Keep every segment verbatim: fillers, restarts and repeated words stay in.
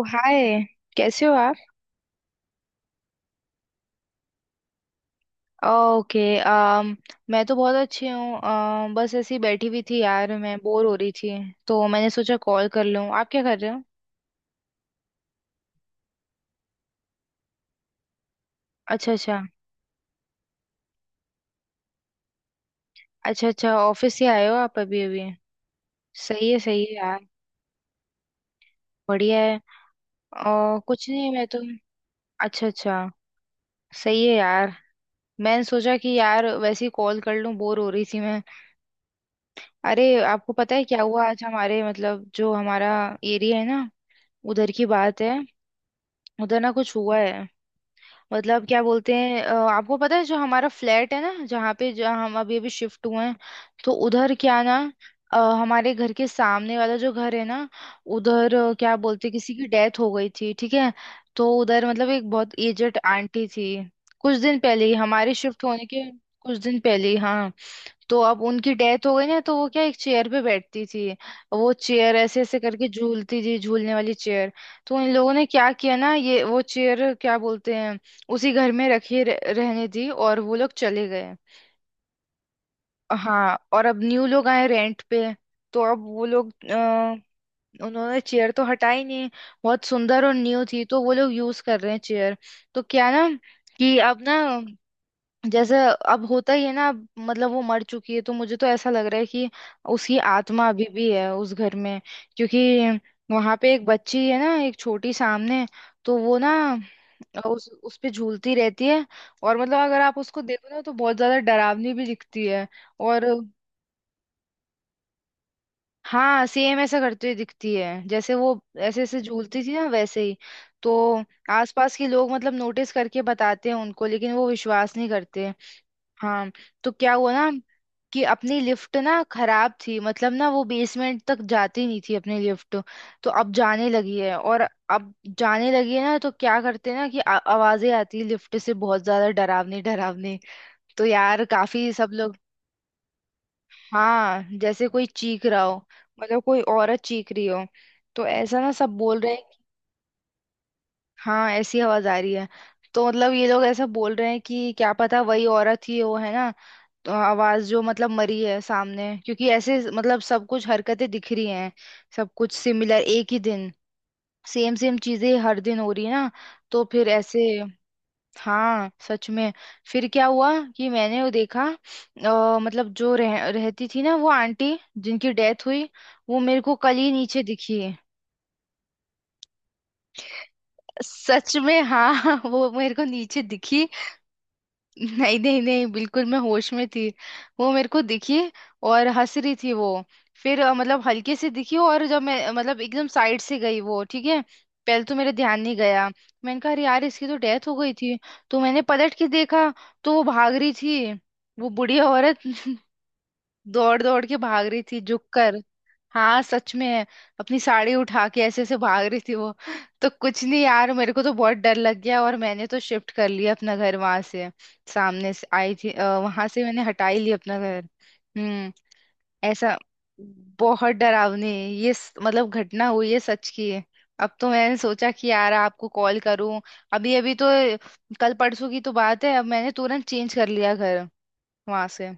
ओ hi. कैसे हो आप? ओके। अम मैं तो बहुत अच्छी हूँ। अम, बस ऐसी बैठी हुई थी यार, मैं बोर हो रही थी। तो मैंने सोचा कॉल कर लूँ। आप क्या कर रहे हो? अच्छा अच्छा। अच्छा अच्छा, ऑफिस से आए हो आप अभी अभी? सही है सही है यार। बढ़िया है। और कुछ नहीं, मैं तो। अच्छा अच्छा। सही है यार। मैंने सोचा कि यार वैसे ही कॉल कर लूँ, बोर हो रही थी मैं। अरे, आपको पता है क्या हुआ आज? हमारे मतलब जो हमारा एरिया है ना, उधर की बात है। उधर ना कुछ हुआ है। मतलब क्या बोलते हैं, अ, आपको पता है जो हमारा फ्लैट है ना, जहाँ पे जहाँ हम अभी अभी शिफ्ट हुए हैं, तो उधर क्या ना, अ, हमारे घर के सामने वाला जो घर है ना, उधर, अ, क्या बोलते हैं, किसी की डेथ हो गई थी, ठीक है। तो उधर मतलब एक बहुत एजेड आंटी थी। कुछ दिन पहले ही, हमारे शिफ्ट होने के कुछ दिन पहले ही, हाँ। तो अब उनकी डेथ हो गई ना, तो वो क्या, एक चेयर पे बैठती थी। वो चेयर ऐसे ऐसे करके झूलती थी, झूलने वाली चेयर। तो इन लोगों ने क्या किया ना, ये वो चेयर क्या बोलते हैं, उसी घर में रखी रह- रहने दी, और वो लोग चले गए। हाँ, और अब न्यू लोग आए रेंट पे। तो अब वो लोग, अ, उन्होंने चेयर तो हटाई नहीं। बहुत सुंदर और न्यू थी तो वो लोग यूज कर रहे हैं चेयर। तो क्या ना, कि अब ना, जैसे, अब होता ही है ना, अब मतलब वो मर चुकी है तो मुझे तो ऐसा लग रहा है कि उसकी आत्मा अभी भी है उस घर में। क्योंकि वहां पे एक बच्ची है ना, एक छोटी सामने। तो वो ना उस उस पे झूलती रहती है। और मतलब अगर आप उसको देखो ना तो बहुत ज्यादा डरावनी भी दिखती है। और हाँ, सेम ऐसा करती हुई दिखती है जैसे वो ऐसे ऐसे झूलती थी ना, वैसे ही। तो आसपास के लोग मतलब नोटिस करके बताते हैं उनको, लेकिन वो विश्वास नहीं करते। हाँ। तो क्या हुआ ना, कि अपनी लिफ्ट ना खराब थी, मतलब ना वो बेसमेंट तक जाती नहीं थी अपनी लिफ्ट। तो अब जाने लगी है। और अब जाने लगी है ना, तो क्या करते हैं ना कि आ- आवाजें आती है लिफ्ट से, बहुत ज्यादा डरावनी डरावनी। तो यार काफी सब लोग, हाँ, जैसे कोई चीख रहा हो, मतलब कोई औरत चीख रही हो, तो ऐसा ना सब बोल रहे हैं। कि- हाँ, ऐसी आवाज आ रही है। तो मतलब ये लोग ऐसा बोल रहे हैं कि क्या पता वही औरत ही वो है ना, अ, आवाज जो मतलब मरी है सामने, क्योंकि ऐसे मतलब सब कुछ हरकतें दिख रही हैं, सब कुछ सिमिलर, एक ही दिन सेम सेम चीजें हर दिन हो रही है ना। तो फिर ऐसे, हाँ सच में। फिर क्या हुआ कि मैंने वो देखा, अ, मतलब जो रह, रहती थी ना वो आंटी जिनकी डेथ हुई, वो मेरे को कल ही नीचे दिखी। सच में, हाँ वो मेरे को नीचे दिखी। नहीं नहीं नहीं, बिल्कुल मैं होश में थी। वो मेरे को दिखी, और हंस रही थी वो। फिर, अ, मतलब हल्के से दिखी, और जब मैं, अ, मतलब एकदम साइड से गई वो, ठीक है। पहले तो मेरे ध्यान नहीं गया। मैंने कहा अरे यार इसकी तो डेथ हो गई थी। तो मैंने पलट के देखा, तो वो भाग रही थी, वो बुढ़िया औरत दौड़ दौड़ के भाग रही थी, झुक कर। हाँ सच में है। अपनी साड़ी उठा के ऐसे ऐसे भाग रही थी वो। तो कुछ नहीं यार, मेरे को तो बहुत डर लग गया, और मैंने तो शिफ्ट कर लिया अपना घर वहां से। सामने से आई थी, वहां से मैंने हटा ही लिया अपना घर। हम्म। ऐसा। बहुत डरावनी। ये स- मतलब घटना हुई है, सच की है। अब तो मैंने सोचा कि यार आपको कॉल करूं। अभी अभी तो, कल परसों की तो बात है। अब मैंने तुरंत चेंज कर लिया घर वहां से।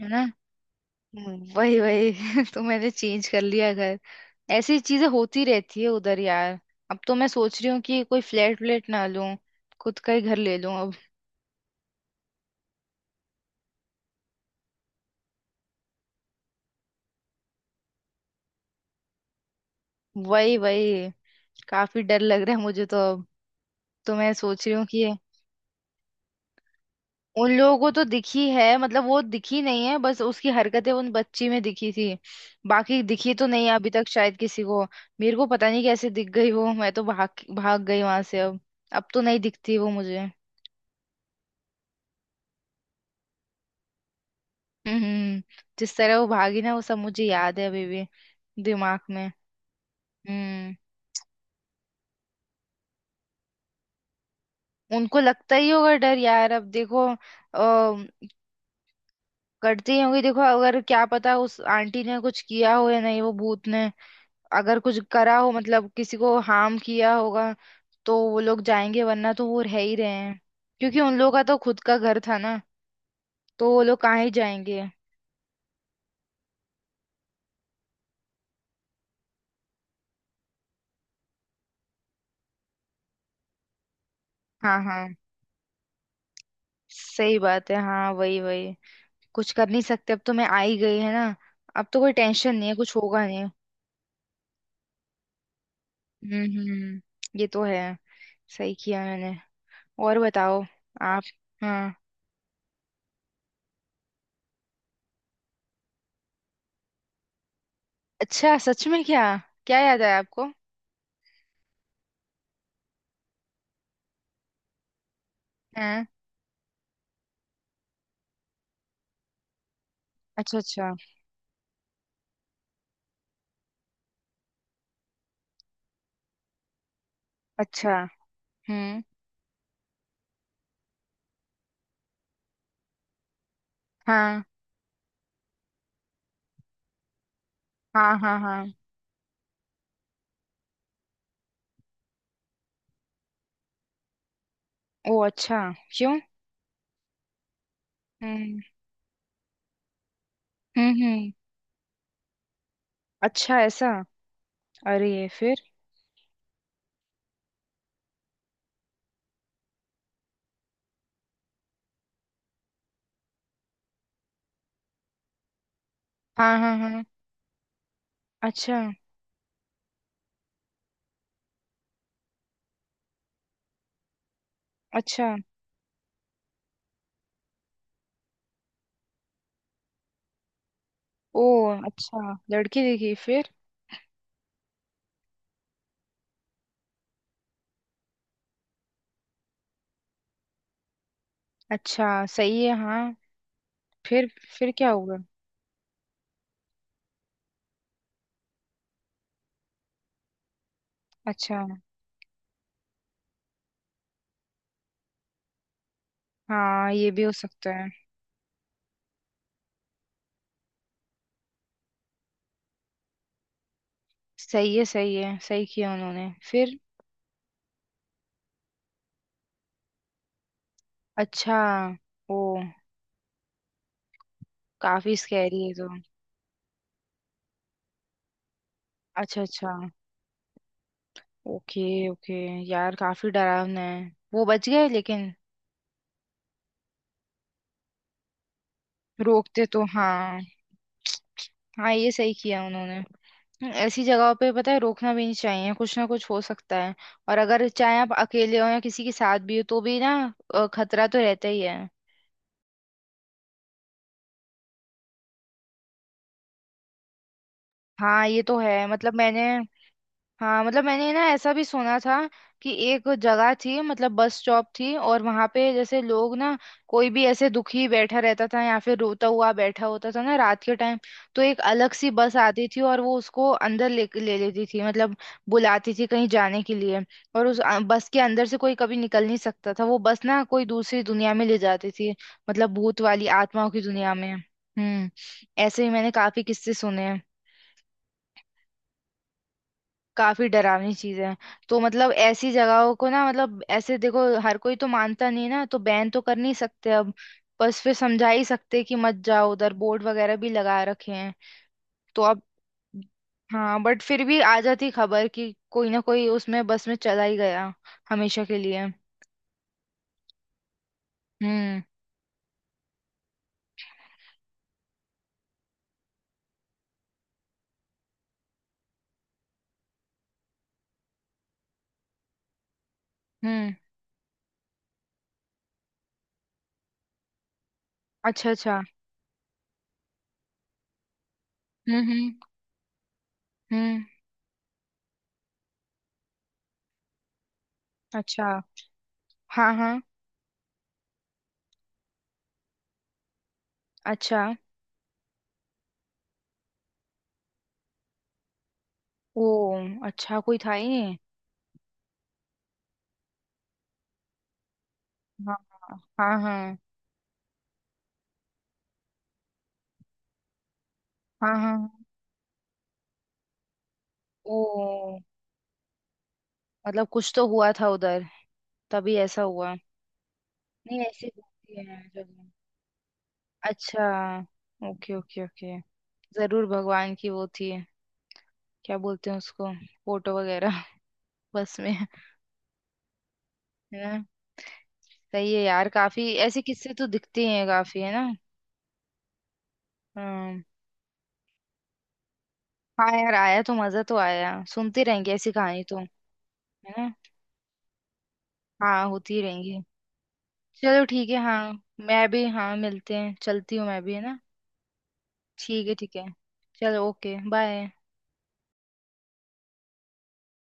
है ना। हम्म, वही वही तो मैंने चेंज कर लिया घर। ऐसी चीजें होती रहती है उधर यार। अब तो मैं सोच रही हूँ कि कोई फ्लैट व्लैट ना लूं, खुद का ही घर ले लूं अब। वही वही। काफी डर लग रहा है मुझे तो। अब तो मैं सोच रही हूँ कि। उन लोगों को तो दिखी है, मतलब वो दिखी नहीं है, बस उसकी हरकतें उन बच्ची में दिखी थी। बाकी दिखी तो नहीं है अभी तक शायद किसी को। मेरे को पता नहीं कैसे दिख गई वो, मैं तो भाग भाग गई वहां से अब। अब तो नहीं दिखती वो मुझे। हम्म। जिस तरह वो भागी ना, वो सब मुझे याद है अभी भी, दिमाग में। हम्म। उनको लगता ही होगा डर यार। अब देखो, अ, करती ही होंगी। देखो अगर क्या पता उस आंटी ने कुछ किया हो या नहीं वो भूत ने। अगर कुछ करा हो मतलब किसी को हार्म किया होगा, तो वो लोग जाएंगे, वरना तो वो रह ही रहे हैं। क्योंकि उन लोगों का तो खुद का घर था ना, तो वो लोग कहाँ ही जाएंगे। हाँ हाँ, सही बात है, हाँ वही वही। कुछ कर नहीं सकते, अब तो मैं आ ही गई है ना। अब तो कोई टेंशन नहीं है, कुछ होगा नहीं। हम्म हम्म, ये तो है। सही किया मैंने। और बताओ आप? हाँ। अच्छा सच में, क्या? क्या याद है आपको? हाँ। अच्छा अच्छा। अच्छा। हम्म। हाँ हाँ हाँ। हाँ। ओ अच्छा, क्यों? हम्म हम्म हम्म। अच्छा ऐसा? अरे फिर? हाँ हाँ हाँ। अच्छा। अच्छा। ओ अच्छा, लड़की दिखी फिर? अच्छा सही है हाँ। फिर? फिर क्या हुआ? अच्छा। हाँ ये भी हो सकता है। सही है सही है, सही किया उन्होंने फिर। अच्छा। ओ। काफी स्कैरी है तो। अच्छा अच्छा। Okay okay. यार काफी डरावना है। वो बच गए लेकिन। रोकते तो, हाँ। हाँ, ये सही किया उन्होंने। हम्म, ऐसी जगहों पे पता है रोकना भी नहीं चाहिए, कुछ ना कुछ हो सकता है। और अगर चाहे आप अकेले हो या किसी के साथ भी हो तो भी ना, अ, खतरा तो रहता ही है। हाँ ये तो है, मतलब मैंने, हाँ मतलब मैंने ना ऐसा भी सुना था कि एक जगह थी, मतलब बस स्टॉप थी, और वहां पे जैसे लोग ना, कोई भी ऐसे दुखी बैठा रहता था या फिर रोता हुआ बैठा होता था ना, रात के टाइम, तो एक अलग सी बस आती थी और वो उसको अंदर ले ले लेती थी, मतलब बुलाती थी कहीं जाने के लिए। और उस अ, बस के अंदर से कोई कभी निकल नहीं सकता था, वो बस ना कोई दूसरी दुनिया में ले जाती थी, मतलब भूत वाली आत्माओं की दुनिया में। हम्म। ऐसे ही मैंने काफी किस्से सुने हैं। काफी डरावनी चीज है। तो मतलब ऐसी जगहों को ना, मतलब ऐसे देखो हर कोई तो मानता नहीं ना, तो बैन तो कर नहीं सकते अब। बस फिर समझा ही सकते कि मत जाओ उधर, बोर्ड वगैरह भी लगा रखे हैं। तो अब, हाँ बट फिर भी आ जाती खबर कि कोई ना कोई उसमें, बस में चला ही गया, हमेशा के लिए। हम्म। हम्म। अच्छा अच्छा। हम्म हम्म हम्म। अच्छा। हाँ हाँ। अच्छा। ओ अच्छा, कोई था ही नहीं? हाँ हाँ हाँ। हाँ हाँ हाँ। हाँ, ओ। मतलब कुछ तो हुआ था उधर, तभी ऐसा हुआ। नहीं, ऐसी होती है जगह। अच्छा। Okay okay okay. जरूर भगवान की वो थी, क्या बोलते हैं उसको, फोटो वगैरह बस में है ना। सही है यार, काफी ऐसे किस्से तो दिखते हैं काफी, है ना। हम्म। हाँ यार, आया तो मजा तो आया, सुनते रहेंगे ऐसी कहानी तो। है ना। हाँ होती ही रहेंगी। चलो ठीक है हाँ। मैं भी हाँ, मिलते हैं, चलती हूँ मैं भी, है ना। ठीक है ठीक है। चलो, ओके, बाय।